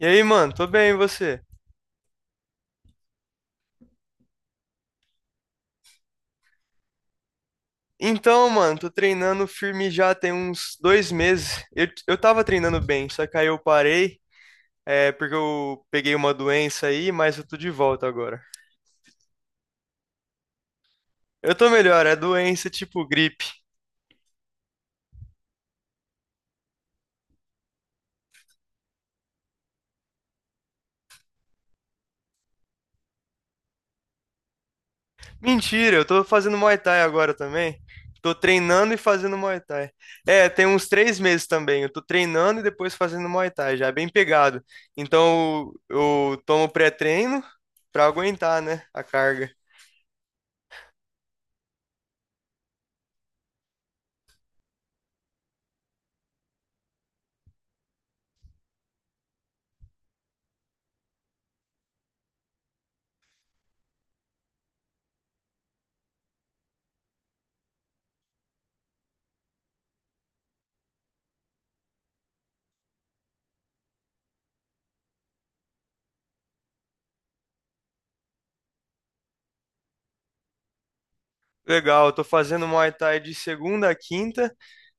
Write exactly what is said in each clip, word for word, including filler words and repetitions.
E aí, mano, tô bem, e você? Então, mano, tô treinando firme já tem uns dois meses. Eu, eu tava treinando bem, só que aí eu parei, é, porque eu peguei uma doença aí, mas eu tô de volta agora. Eu tô melhor, é doença tipo gripe. Mentira, eu tô fazendo Muay Thai agora também. Tô treinando e fazendo Muay Thai. É, tem uns três meses também. Eu tô treinando e depois fazendo Muay Thai, já é bem pegado. Então eu, eu tomo pré-treino pra aguentar, né, a carga. Legal, eu tô fazendo Muay Thai de segunda a quinta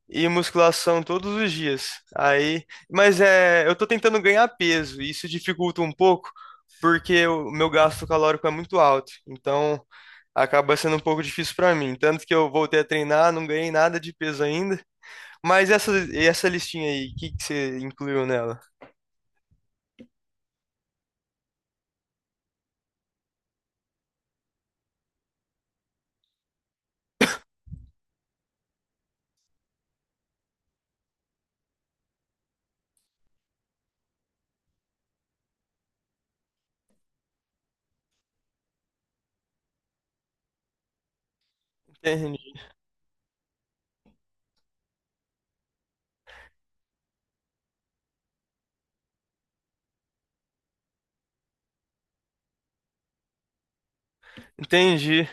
e musculação todos os dias. Aí, mas é, eu tô tentando ganhar peso, e isso dificulta um pouco porque o meu gasto calórico é muito alto. Então, acaba sendo um pouco difícil pra mim. Tanto que eu voltei a treinar, não ganhei nada de peso ainda. Mas essa essa listinha aí, o que que você incluiu nela? Entendi. Entendi.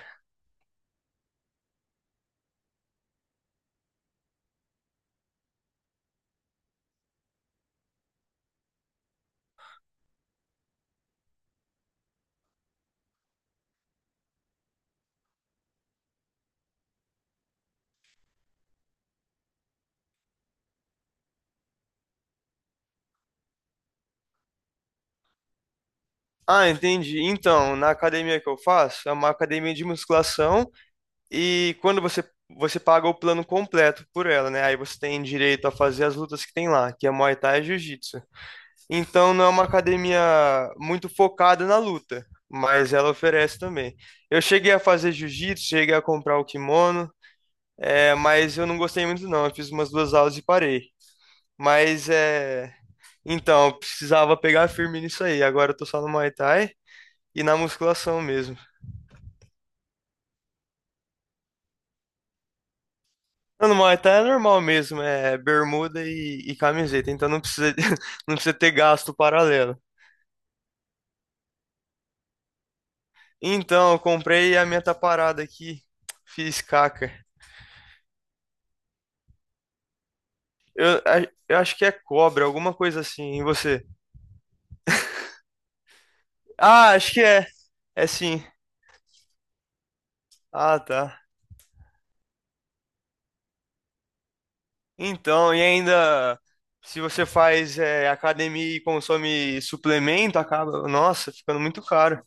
Ah, entendi. Então, na academia que eu faço, é uma academia de musculação. E quando você, você paga o plano completo por ela, né? Aí você tem direito a fazer as lutas que tem lá, que é Muay Thai e Jiu-Jitsu. Então não é uma academia muito focada na luta, mas ela oferece também. Eu cheguei a fazer Jiu-Jitsu, cheguei a comprar o kimono, é, mas eu não gostei muito não. Eu fiz umas duas aulas e parei. Mas é, então eu precisava pegar firme nisso aí. Agora eu tô só no Muay Thai e na musculação mesmo. Não, no Muay Thai é normal mesmo, é bermuda e, e camiseta, então não precisa, não precisa ter gasto paralelo. Então, eu comprei a minha taparada aqui, fiz caca. Eu, a- eu acho que é cobra, alguma coisa assim, e você? Ah, acho que é. É sim. Ah, tá. Então, e ainda, se você faz é, academia e consome suplemento, acaba, nossa, ficando muito caro.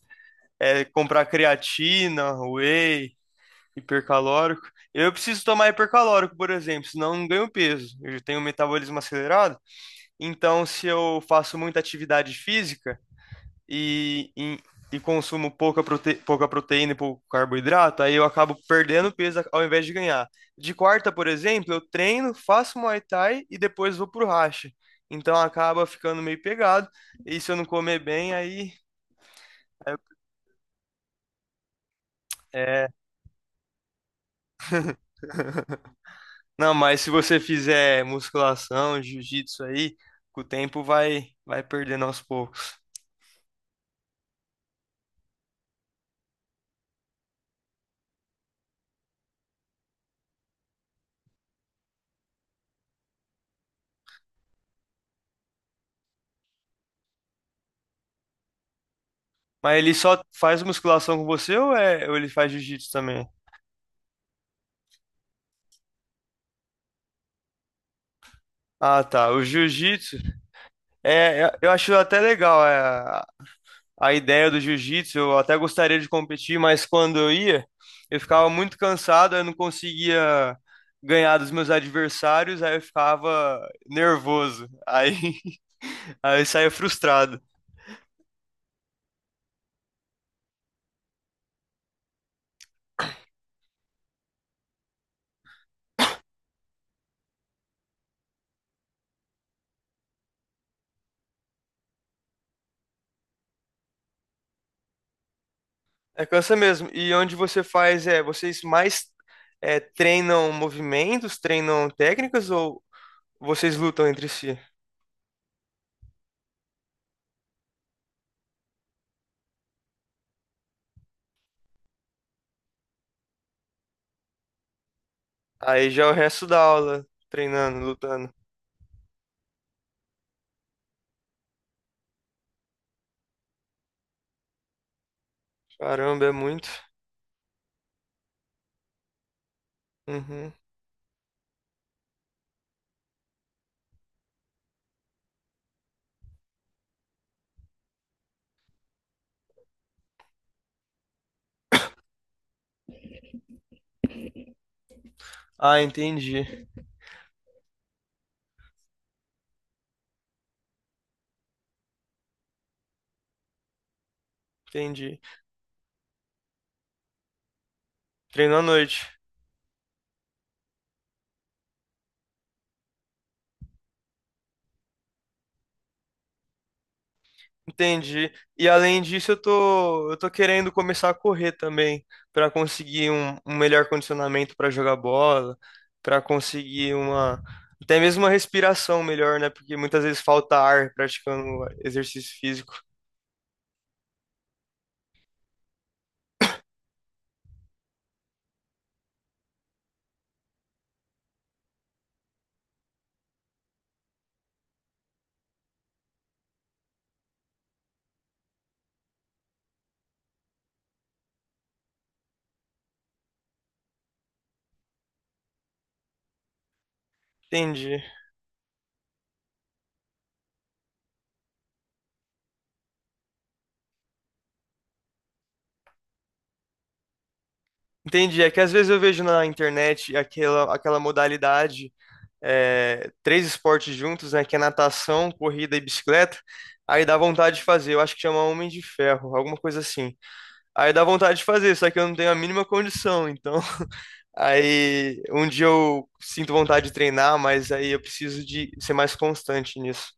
É comprar creatina, whey, hipercalórico. Eu preciso tomar hipercalórico, por exemplo, senão eu não ganho peso. Eu tenho um metabolismo acelerado. Então, se eu faço muita atividade física e, e, e consumo pouca, prote, pouca proteína e pouco carboidrato, aí eu acabo perdendo peso ao invés de ganhar. De quarta, por exemplo, eu treino, faço Muay Thai e depois vou pro racha. Então acaba ficando meio pegado. E se eu não comer bem, aí é, é Não, mas se você fizer musculação, jiu-jitsu aí, com o tempo vai vai perdendo aos poucos. Mas ele só faz musculação com você ou, é, ou ele faz jiu-jitsu também? Ah, tá. O jiu-jitsu, é, é- eu acho até legal é, a, a ideia do jiu-jitsu. Eu até gostaria de competir, mas quando eu ia, eu ficava muito cansado, eu não conseguia ganhar dos meus adversários, aí eu ficava nervoso. Aí, aí eu saía frustrado. É, cansa mesmo. E onde você faz, é, vocês mais é, treinam movimentos, treinam técnicas ou vocês lutam entre si? Aí já é o resto da aula, treinando, lutando. Caramba, é muito. Uhum. Ah, entendi. Entendi. Treino à noite. Entendi. E além disso, eu tô, eu tô querendo começar a correr também, para conseguir um, um melhor condicionamento para jogar bola, para conseguir uma, até mesmo uma respiração melhor, né? Porque muitas vezes falta ar praticando exercício físico. Entendi. Entendi. É que às vezes eu vejo na internet aquela, aquela modalidade, é, três esportes juntos, né? Que é natação, corrida e bicicleta. Aí dá vontade de fazer. Eu acho que chama Homem de Ferro, alguma coisa assim. Aí dá vontade de fazer, só que eu não tenho a mínima condição. Então, aí um dia eu sinto vontade de treinar, mas aí eu preciso de ser mais constante nisso.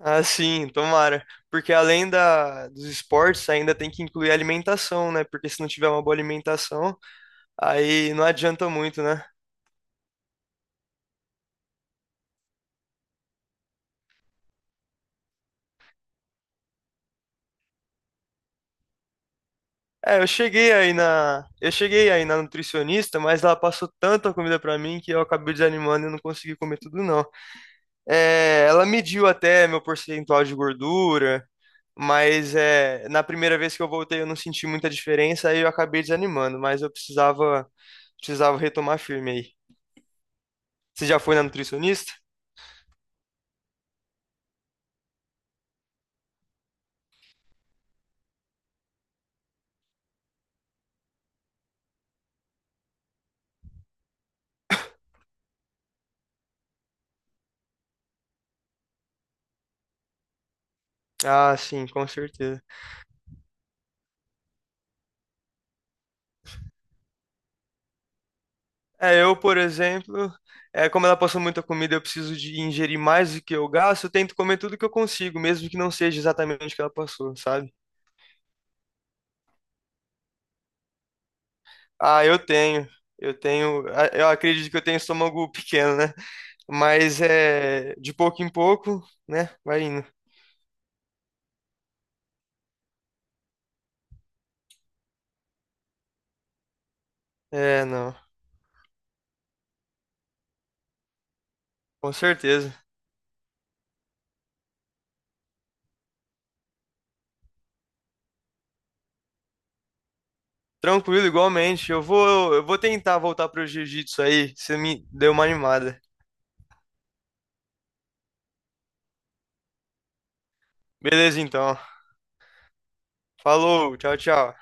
Ah, sim, tomara. Porque além da, dos esportes, ainda tem que incluir a alimentação, né? Porque se não tiver uma boa alimentação, aí não adianta muito, né? É, eu cheguei aí na, eu cheguei aí na nutricionista, mas ela passou tanta comida pra mim que eu acabei desanimando e eu não consegui comer tudo, não. É, ela mediu até meu percentual de gordura, mas é, na primeira vez que eu voltei eu não senti muita diferença, aí eu acabei desanimando, mas eu precisava, precisava retomar firme aí. Você já foi na nutricionista? Ah, sim, com certeza. É, eu, por exemplo, é, como ela passou muita comida, eu preciso de ingerir mais do que eu gasto, eu tento comer tudo que eu consigo, mesmo que não seja exatamente o que ela passou, sabe? Ah, eu tenho. Eu tenho. ah, Eu acredito que eu tenho estômago pequeno, né? Mas é de pouco em pouco, né? Vai indo. É, não, com certeza. Tranquilo, igualmente. Eu vou, eu vou tentar voltar pro jiu-jitsu aí. Você me deu uma animada. Beleza, então. Falou, tchau, tchau.